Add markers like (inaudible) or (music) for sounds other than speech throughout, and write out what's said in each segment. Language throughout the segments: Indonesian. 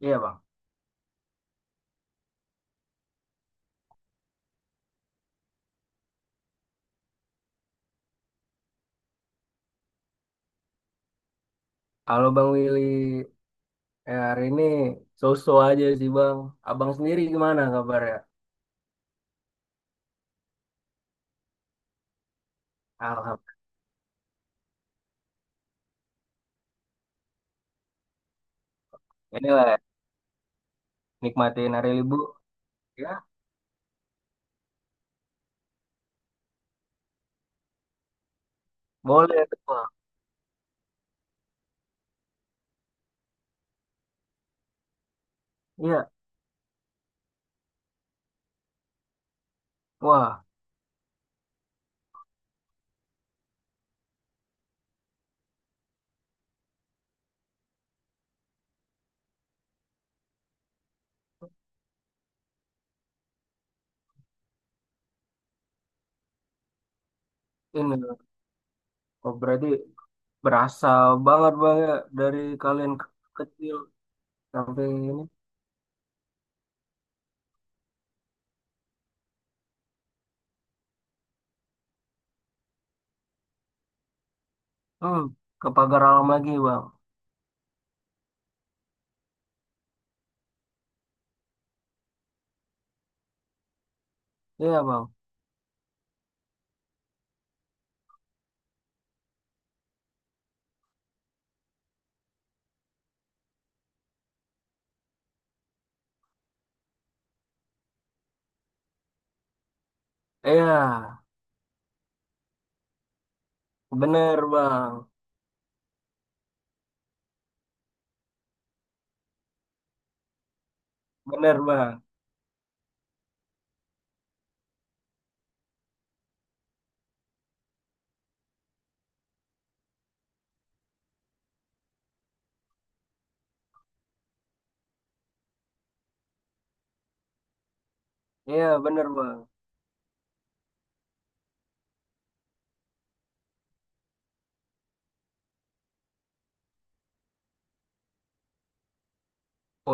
Iya bang, kalau Bang Willy hari ini so-so aja sih bang. Abang sendiri gimana kabarnya? Alhamdulillah. Inilah ya, nikmatin hari libur. Ya, boleh tuh bang. Iya, wah ini oh, berarti berasa banget bang ya dari kalian kecil sampai ini. Hmm, ke pagar alam lagi bang. Iya bang. Iya, bener bang. Bener bang. Iya bener bang.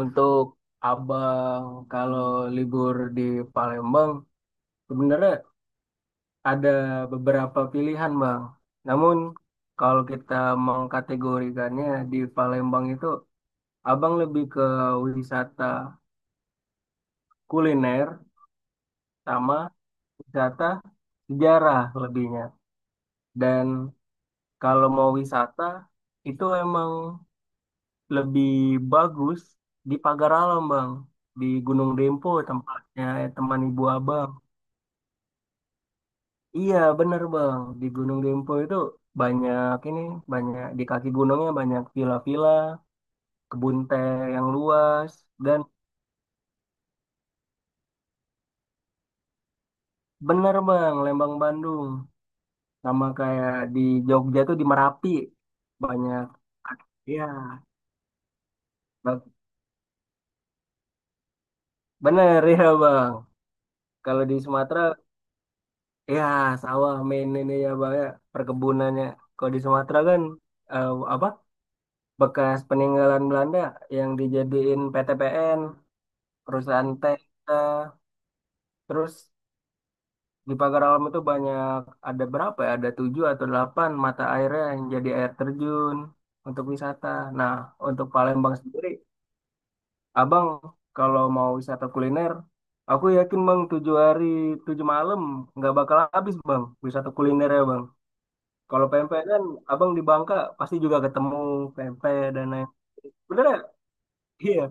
Untuk Abang kalau libur di Palembang sebenarnya ada beberapa pilihan, Bang. Namun kalau kita mengkategorikannya di Palembang itu, Abang lebih ke wisata kuliner sama wisata sejarah lebihnya. Dan kalau mau wisata itu emang lebih bagus di Pagar Alam, Bang. Di Gunung Dempo tempatnya teman ibu Abang. Iya, bener Bang. Di Gunung Dempo itu banyak banyak di kaki gunungnya banyak villa-villa, kebun teh yang luas dan bener Bang, Lembang Bandung sama kayak di Jogja tuh di Merapi banyak. Iya, ba- bener ya Bang. Kalau di Sumatera ya sawah main ini ya Bang ya, perkebunannya. Kalau di Sumatera kan eh, apa? Bekas peninggalan Belanda yang dijadiin PTPN, perusahaan teh kita. Terus di pagar alam itu banyak, ada berapa ya? Ada tujuh atau delapan mata airnya yang jadi air terjun untuk wisata. Nah, untuk Palembang sendiri, Abang kalau mau wisata kuliner, aku yakin Bang tujuh hari tujuh malam nggak bakal habis Bang wisata kuliner ya Bang. Kalau pempek kan Abang di Bangka pasti juga ketemu pempek dan lain. Bener ya? Iya,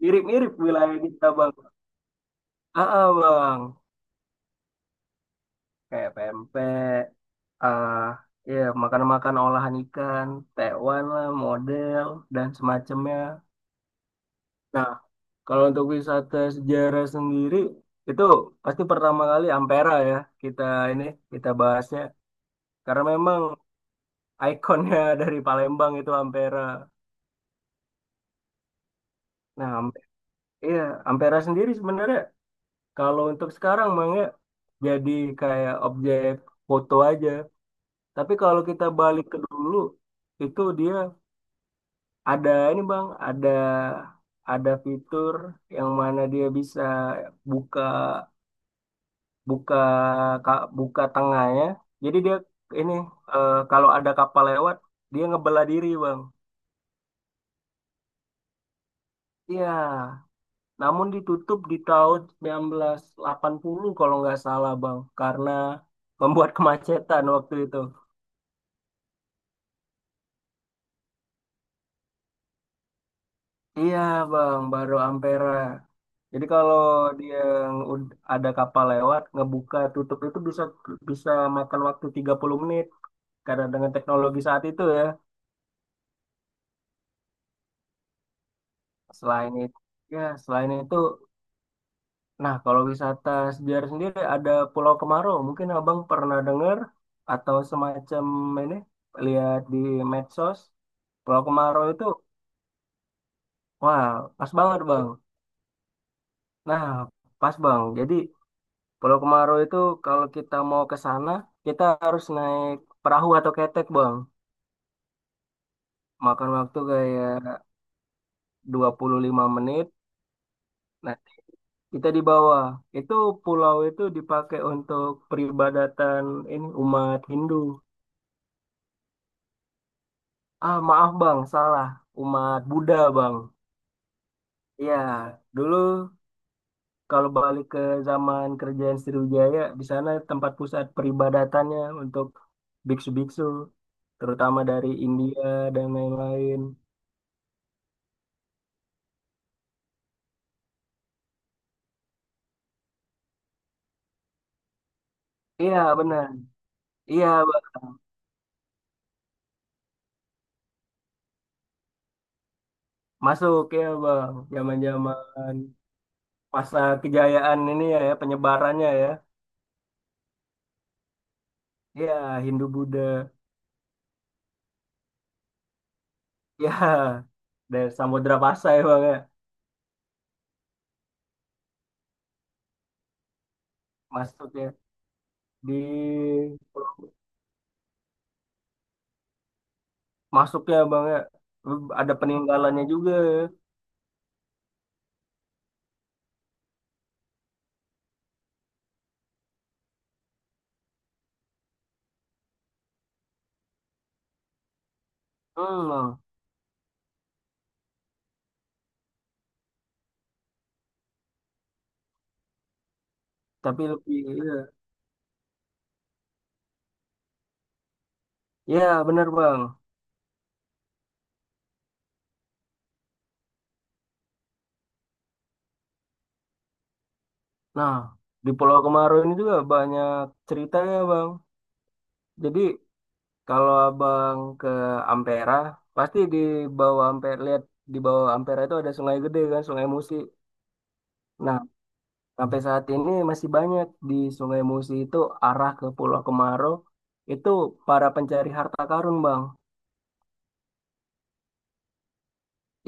mirip-mirip wilayah kita Bang. Ah, ah, Bang, kayak pempek. Ah, ya, makan-makan olahan ikan, tewan lah, model dan semacamnya. Nah, kalau untuk wisata sejarah sendiri itu pasti pertama kali Ampera ya, kita ini kita bahasnya karena memang ikonnya (laughs) dari Palembang itu Ampera. Nah, iya, Ampera sendiri sebenarnya kalau untuk sekarang Mang ya jadi kayak objek foto aja. Tapi kalau kita balik ke dulu, itu dia. Ada ada fitur yang mana dia bisa buka buka ka- buka tengahnya. Jadi dia ini kalau ada kapal lewat, dia ngebelah diri Bang. Iya, namun ditutup di tahun 1980 kalau nggak salah Bang, karena membuat (laughs) kemacetan waktu itu. Iya Bang, baru Ampera. Jadi kalau dia ada kapal lewat, ngebuka tutup itu bisa bisa makan waktu 30 menit karena dengan teknologi saat itu ya. Selain itu, ya selain itu, nah kalau wisata sejarah sendiri ada Pulau Kemarau, mungkin Abang pernah dengar atau semacam ini lihat di medsos. Pulau Kemarau itu, wah, pas banget Bang. Nah, pas Bang. Jadi Pulau Kemaro itu kalau kita mau ke sana, kita harus naik perahu atau ketek, Bang. Makan waktu kayak 25 menit. Nah, kita di bawah. Itu pulau itu dipakai untuk peribadatan umat Hindu. Ah, maaf, Bang, salah. Umat Buddha, Bang. Iya, dulu kalau balik ke zaman kerajaan Sriwijaya, di sana tempat pusat peribadatannya untuk biksu-biksu, terutama dari India dan lain-lain. Iya benar. Iya Bang. Masuk ya bang. Zaman-zaman masa kejayaan ini ya, ya penyebarannya ya. Iya Hindu Buddha. (laughs) Iya dari Samudra Pasai bang ya. Masuk ya di masuknya bang ya. Ada peninggalannya juga, ya. Hmm, Bang. Tapi lebih iya. Iya benar bang. Nah di Pulau Kemaru ini juga banyak ceritanya bang. Jadi kalau abang ke Ampera, pasti di bawah Ampera lihat, di bawah Ampera itu ada sungai gede kan, Sungai Musi. Nah, sampai saat ini masih banyak di Sungai Musi itu arah ke Pulau Kemaro itu para pencari harta karun, Bang.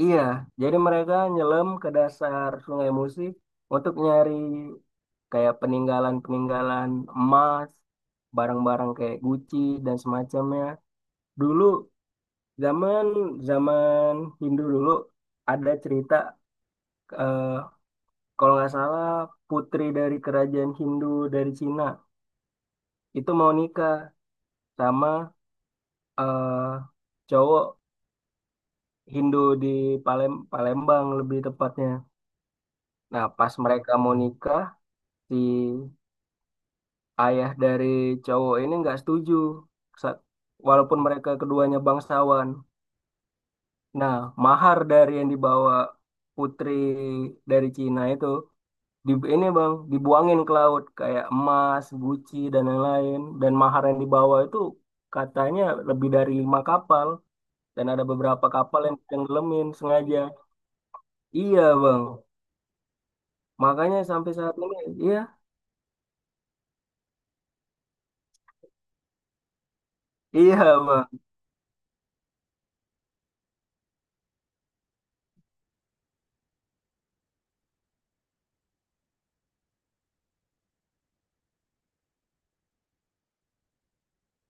Iya, jadi mereka nyelam ke dasar Sungai Musi untuk nyari kayak peninggalan-peninggalan emas, barang-barang kayak Gucci dan semacamnya. Dulu zaman zaman Hindu dulu ada cerita eh, kalau nggak salah putri dari kerajaan Hindu dari Cina itu mau nikah sama eh, cowok Hindu di Palembang lebih tepatnya. Nah, pas mereka mau nikah, si ayah dari cowok ini nggak setuju. Sa- Walaupun mereka keduanya bangsawan, nah, mahar dari yang dibawa putri dari Cina itu di ini Bang, dibuangin ke laut kayak emas, guci dan lain-lain dan mahar yang dibawa itu katanya lebih dari 5 kapal dan ada beberapa kapal yang tenggelamin sengaja. Iya, Bang. Makanya sampai saat ini iya, iya, Bang.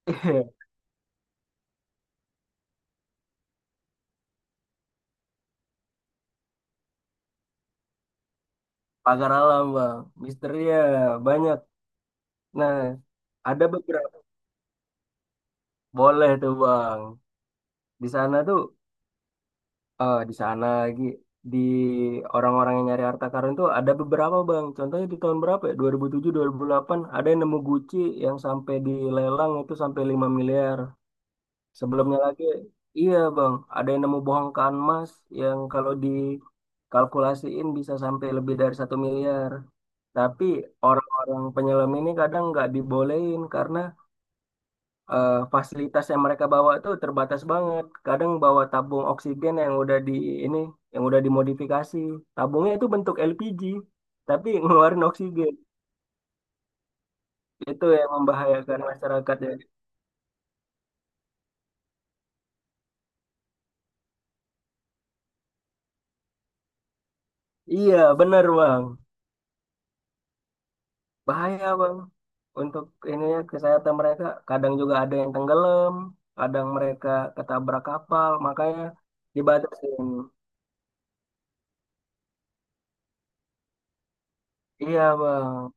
(laughs) Pagar alam, Bang. Misteri ya banyak. Nah, ada beberapa boleh tuh, Bang. Di sana tuh eh di sana lagi di orang-orang yang nyari harta karun tuh ada beberapa bang. Contohnya di tahun berapa ya? 2007, 2008 ada yang nemu Gucci yang sampai dilelang itu sampai 5 miliar. Sebelumnya lagi iya bang, ada yang nemu bongkahan emas yang kalau dikalkulasiin bisa sampai lebih dari 1 miliar. Tapi orang-orang penyelam ini kadang nggak dibolehin karena fasilitas yang mereka bawa tuh terbatas banget. Kadang bawa tabung oksigen yang udah di ini, yang udah dimodifikasi. Tabungnya itu bentuk LPG, tapi (laughs) ngeluarin oksigen. Itu yang membahayakan masyarakat ya. Iya, bener bang. Bahaya bang. Untuk ini ya, kesehatan mereka. Kadang juga ada yang tenggelam, kadang mereka ketabrak kapal. Makanya dibatasin. Iya bang.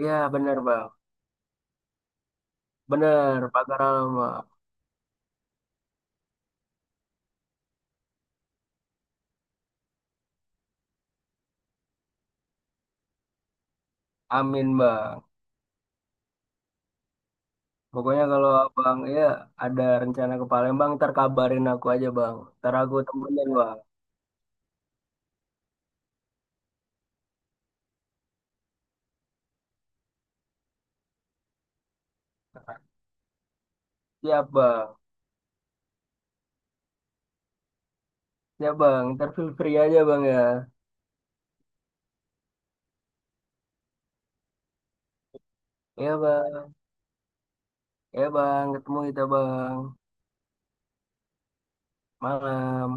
Iya bener bang. Bener, Pak Karal, Bang. Amin bang. Pokoknya kalau abang ya ada rencana ke Palembang, ntar kabarin aku aja Bang. Ntar aku temenin Bang. Siap Bang, siap Bang. Ntar feel free aja Bang ya. Iya Bang, iya Bang. Ketemu kita Bang. Malam.